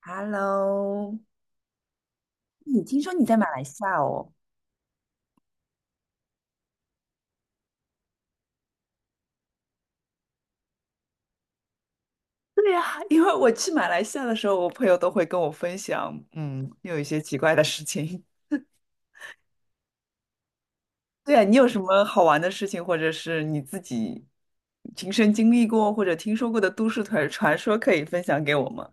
Hello，你听说你在马来西亚哦？对呀，因为我去马来西亚的时候，我朋友都会跟我分享，有一些奇怪的事情。对呀，你有什么好玩的事情，或者是你自己亲身经历过或者听说过的都市传说，可以分享给我吗？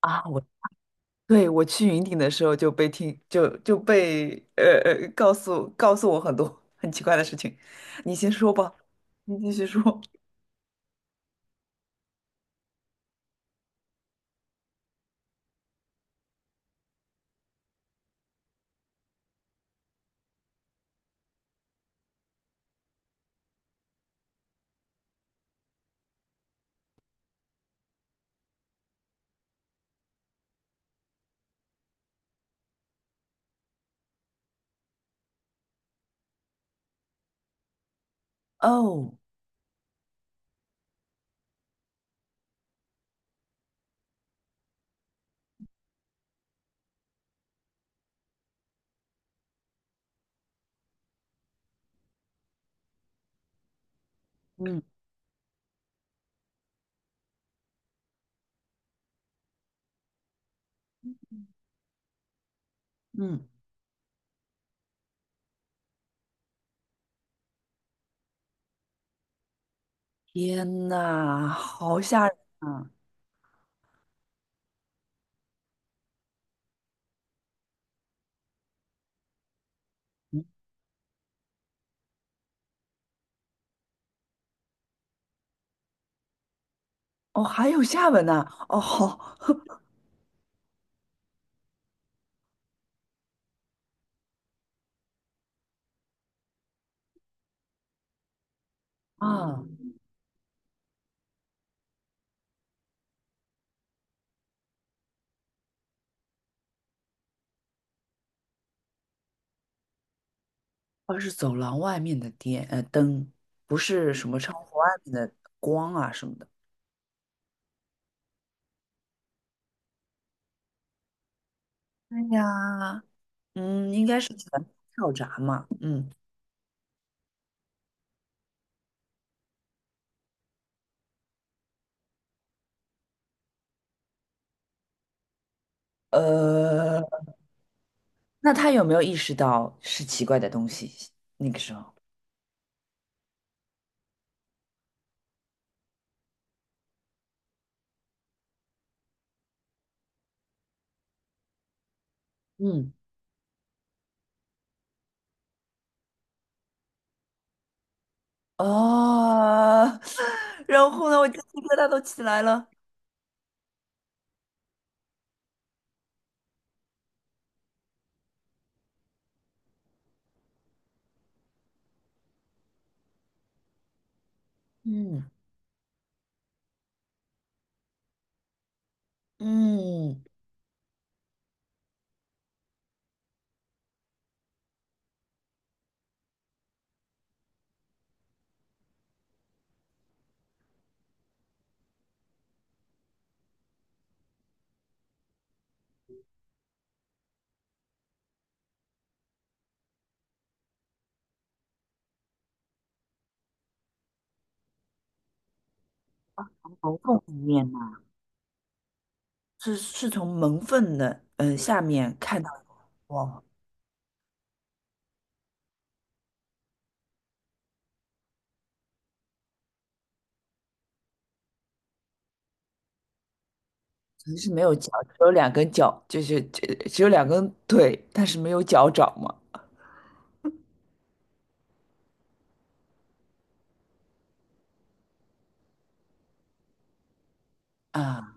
啊，对，我去云顶的时候就被告诉我很多很奇怪的事情，你先说吧，你继续说。哦，嗯嗯，天呐，好吓人啊！嗯哦，还有下文呢、哦，好 啊，它是走廊外面的电灯，不是什么窗户外面的光啊什么的。哎呀，应该是全跳闸嘛。嗯，呃，那他有没有意识到是奇怪的东西？那个时候，嗯，哦，然后呢，我鸡皮疙瘩都起来了。嗯嗯，头痛里面。是从门缝的下面看到，哇，可是没有脚，只有两根脚，就是只有两根腿，但是没有脚掌嘛。啊，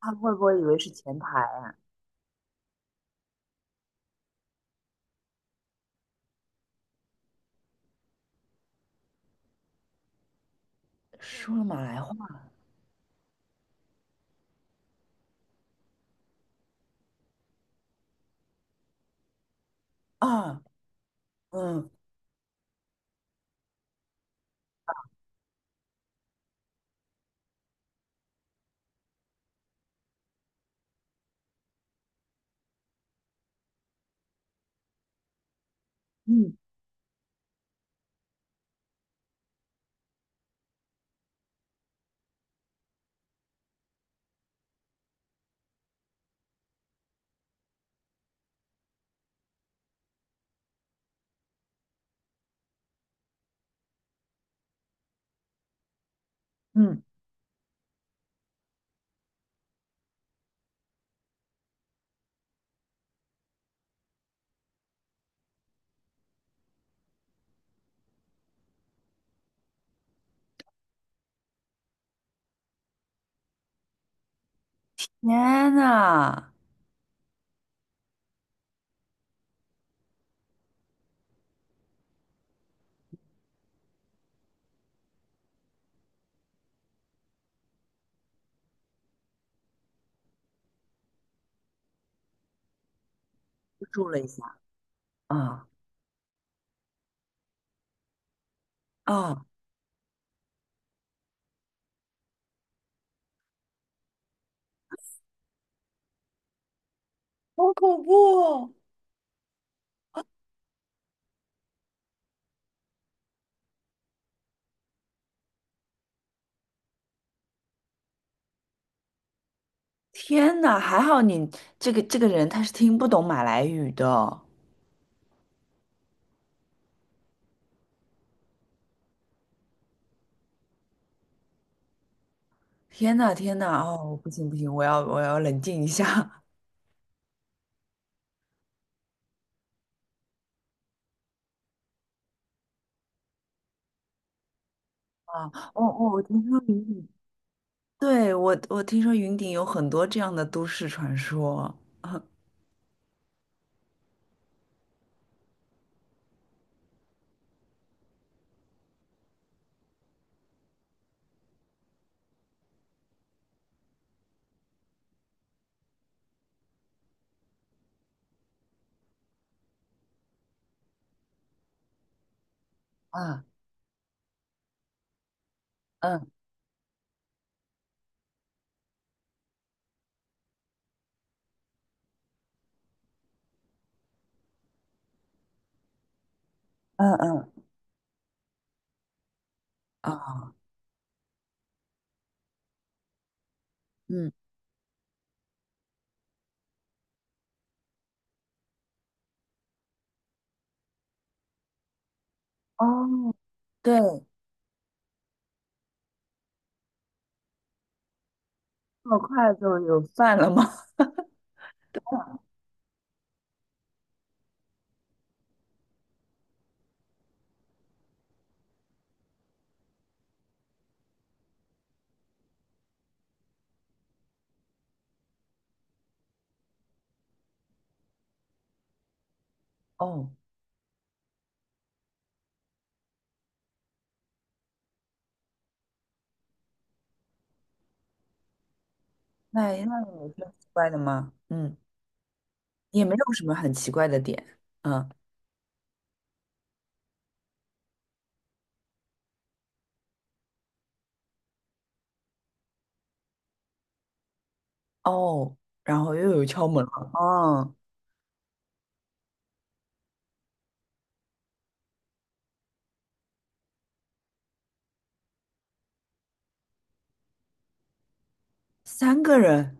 他会不会以为是前台啊说了马来话啊，嗯嗯嗯，天呐，我住了一下，啊啊，好恐怖哦天呐，还好你这个人他是听不懂马来语的哦。天呐天呐，哦，不行不行，我要冷静一下。啊，哦哦，我听说云顶，对，我听说云顶有很多这样的都市传说。啊啊嗯嗯嗯啊嗯哦，对，这么快就有饭了吗？哦，那有什么奇怪的吗？嗯，也没有什么很奇怪的点。嗯哦，然后又有敲门了。哦，三个人。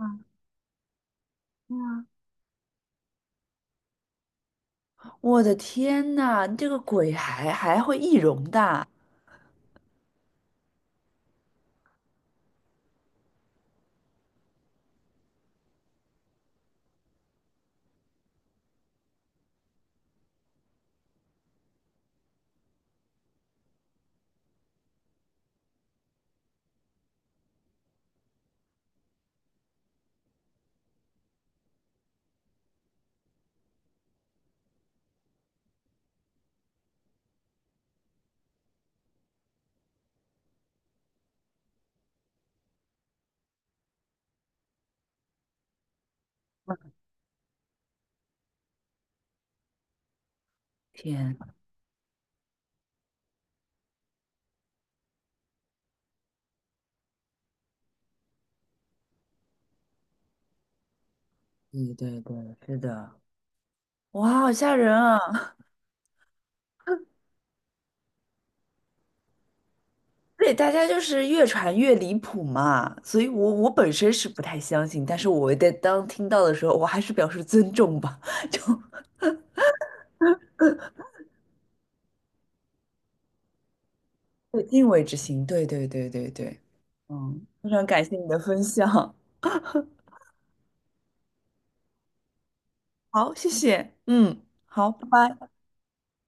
啊对啊，我的天呐，这个鬼还会易容的啊！天，对对对，是的。哇，好吓人啊！对，大家就是越传越离谱嘛，所以我本身是不太相信，但是我在当听到的时候，我还是表示尊重吧，有敬畏之心。对对对对对，嗯，非常感谢你的分享，好，谢谢，嗯，好，拜拜。